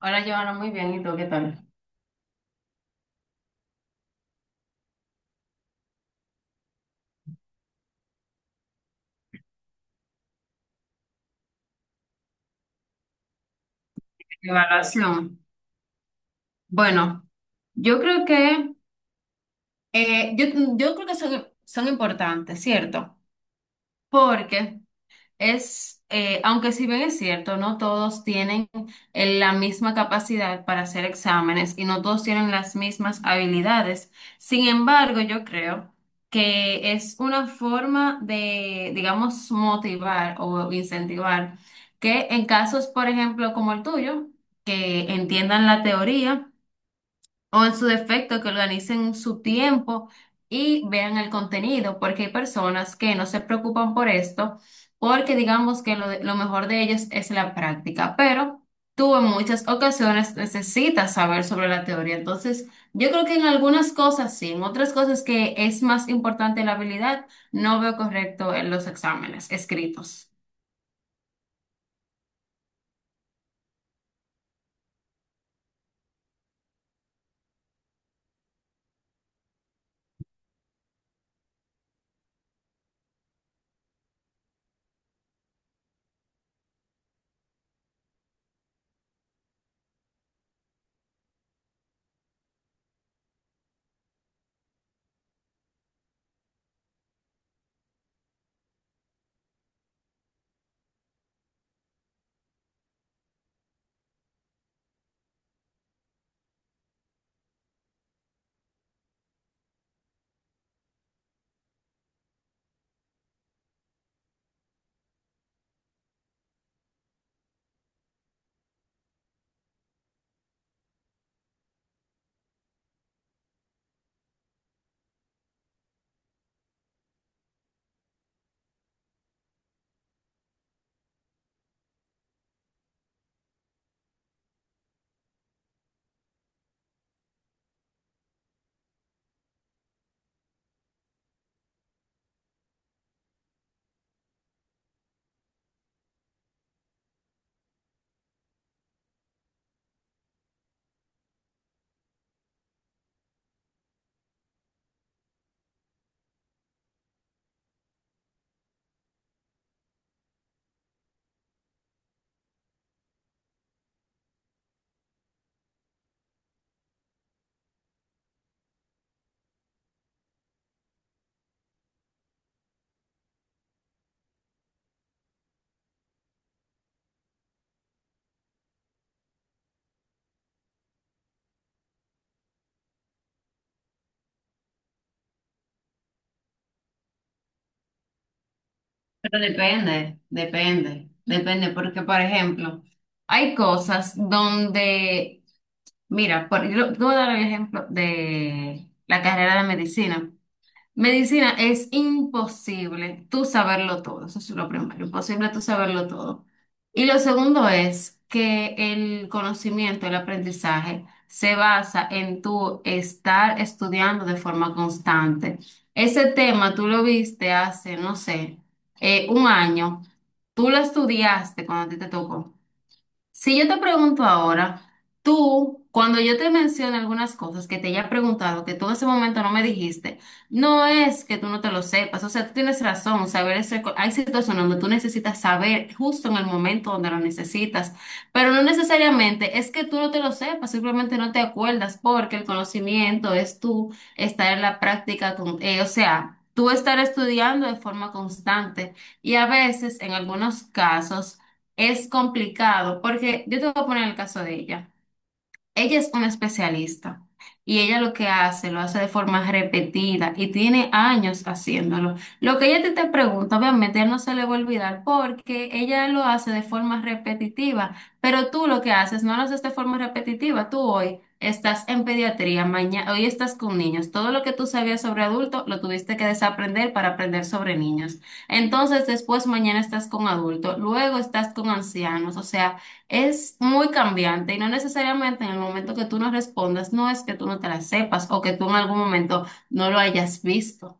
Hola, Joana, muy bien. ¿Y tú qué tal? Evaluación. Bueno, yo creo que eh, yo, yo creo que son importantes, ¿cierto? Porque aunque si bien es cierto, no todos tienen la misma capacidad para hacer exámenes y no todos tienen las mismas habilidades. Sin embargo, yo creo que es una forma de, digamos, motivar o incentivar que en casos, por ejemplo, como el tuyo, que entiendan la teoría o en su defecto, que organicen su tiempo y vean el contenido, porque hay personas que no se preocupan por esto, porque digamos que lo mejor de ellas es la práctica, pero tú en muchas ocasiones necesitas saber sobre la teoría. Entonces, yo creo que en algunas cosas sí, en otras cosas que es más importante la habilidad, no veo correcto en los exámenes escritos. Pero depende, depende, depende, porque por ejemplo, hay cosas donde mira, yo te voy a dar el ejemplo de la carrera de medicina. Medicina es imposible tú saberlo todo, eso es lo primero, imposible tú saberlo todo. Y lo segundo es que el conocimiento, el aprendizaje se basa en tu estar estudiando de forma constante. Ese tema tú lo viste hace, no sé, un año, tú lo estudiaste cuando a ti te tocó. Si yo te pregunto ahora, tú, cuando yo te menciono algunas cosas que te haya preguntado, que tú en ese momento no me dijiste, no es que tú no te lo sepas, o sea, tú tienes razón, hay situaciones donde tú necesitas saber justo en el momento donde lo necesitas, pero no necesariamente es que tú no te lo sepas, simplemente no te acuerdas porque el conocimiento es tú estar en la práctica, o sea, tú estar estudiando de forma constante y a veces, en algunos casos, es complicado, porque yo te voy a poner el caso de ella. Ella es una especialista y ella lo que hace, lo hace de forma repetida y tiene años haciéndolo. Lo que ella te pregunta, obviamente, a él no se le va a olvidar porque ella lo hace de forma repetitiva, pero tú lo que haces no lo haces de forma repetitiva. Tú hoy estás en pediatría, mañana, hoy estás con niños. Todo lo que tú sabías sobre adultos lo tuviste que desaprender para aprender sobre niños. Entonces, después mañana estás con adultos, luego estás con ancianos, o sea... Es muy cambiante y no necesariamente en el momento que tú no respondas, no es que tú no te la sepas o que tú en algún momento no lo hayas visto.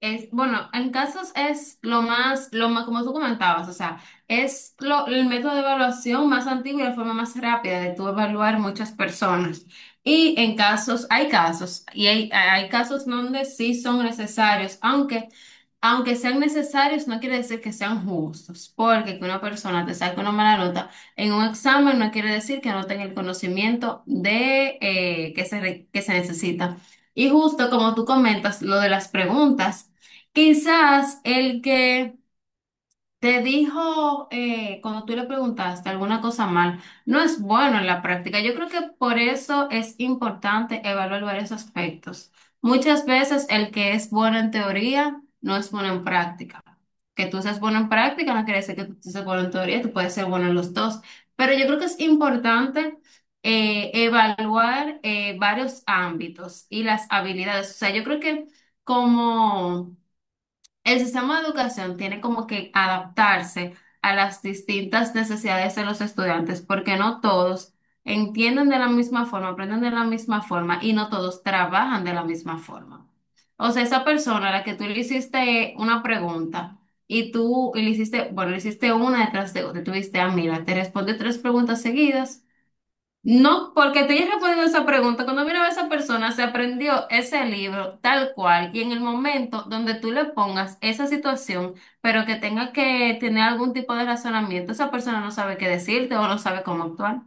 Es, bueno, en casos es lo más, como tú comentabas, o sea, el método de evaluación más antiguo y la forma más rápida de tú evaluar muchas personas. Y en casos, hay casos, hay casos donde sí son necesarios, aunque, aunque sean necesarios, no quiere decir que sean justos, porque que una persona te saque una mala nota en un examen no quiere decir que no tenga el conocimiento de, que se necesita. Y justo como tú comentas, lo de las preguntas. Quizás el que te dijo cuando tú le preguntaste alguna cosa mal, no es bueno en la práctica. Yo creo que por eso es importante evaluar varios aspectos. Muchas veces el que es bueno en teoría no es bueno en práctica. Que tú seas bueno en práctica no quiere decir que tú seas bueno en teoría, tú puedes ser bueno en los dos. Pero yo creo que es importante evaluar varios ámbitos y las habilidades. O sea, yo creo que como... El sistema de educación tiene como que adaptarse a las distintas necesidades de los estudiantes, porque no todos entienden de la misma forma, aprenden de la misma forma y no todos trabajan de la misma forma. O sea, esa persona a la que tú le hiciste una pregunta y tú le hiciste, bueno, le hiciste una detrás de otra, tuviste, ah, mira, te responde tres preguntas seguidas. No, porque te hayas respondido esa pregunta. Cuando miraba a esa persona, se aprendió ese libro tal cual. Y en el momento donde tú le pongas esa situación, pero que tenga que tener algún tipo de razonamiento, esa persona no sabe qué decirte o no sabe cómo actuar.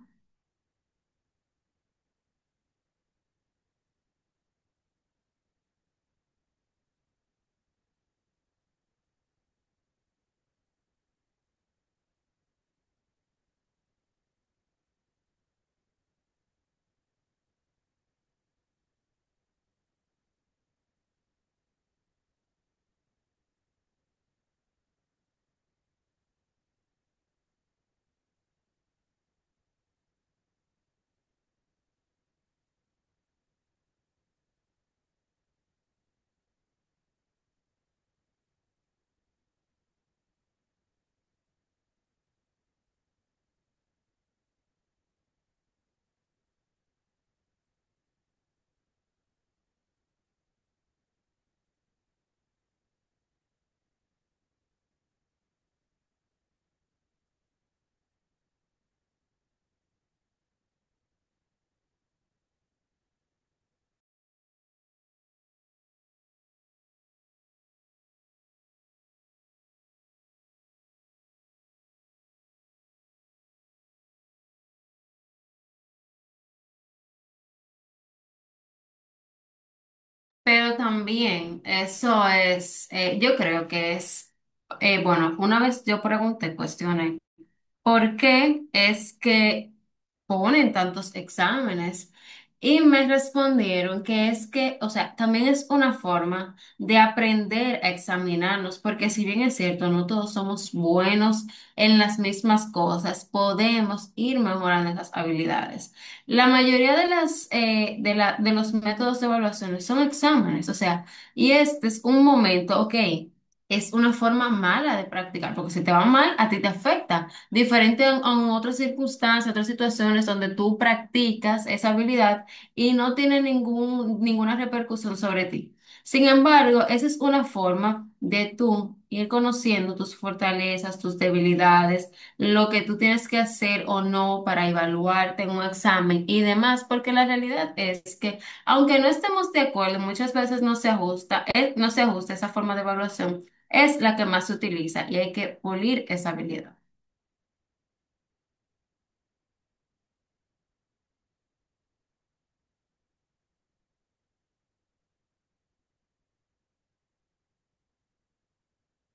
Pero también, yo creo que es, bueno, una vez yo pregunté, cuestioné, ¿por qué es que ponen tantos exámenes? Y me respondieron que es que, o sea, también es una forma de aprender a examinarnos, porque si bien es cierto, no todos somos buenos en las mismas cosas, podemos ir mejorando esas habilidades. La mayoría de de los métodos de evaluación son exámenes, o sea, y este es un momento, ok, es una forma mala de practicar, porque si te va mal, a ti te afecta. Diferente a otras circunstancias, otras situaciones donde tú practicas esa habilidad y no tiene ninguna repercusión sobre ti. Sin embargo, esa es una forma de tú ir conociendo tus fortalezas, tus debilidades, lo que tú tienes que hacer o no para evaluarte en un examen y demás, porque la realidad es que aunque no estemos de acuerdo, muchas veces no se ajusta, no se ajusta esa forma de evaluación es la que más se utiliza y hay que pulir esa habilidad.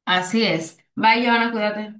Así es. Bye, Joana, cuídate.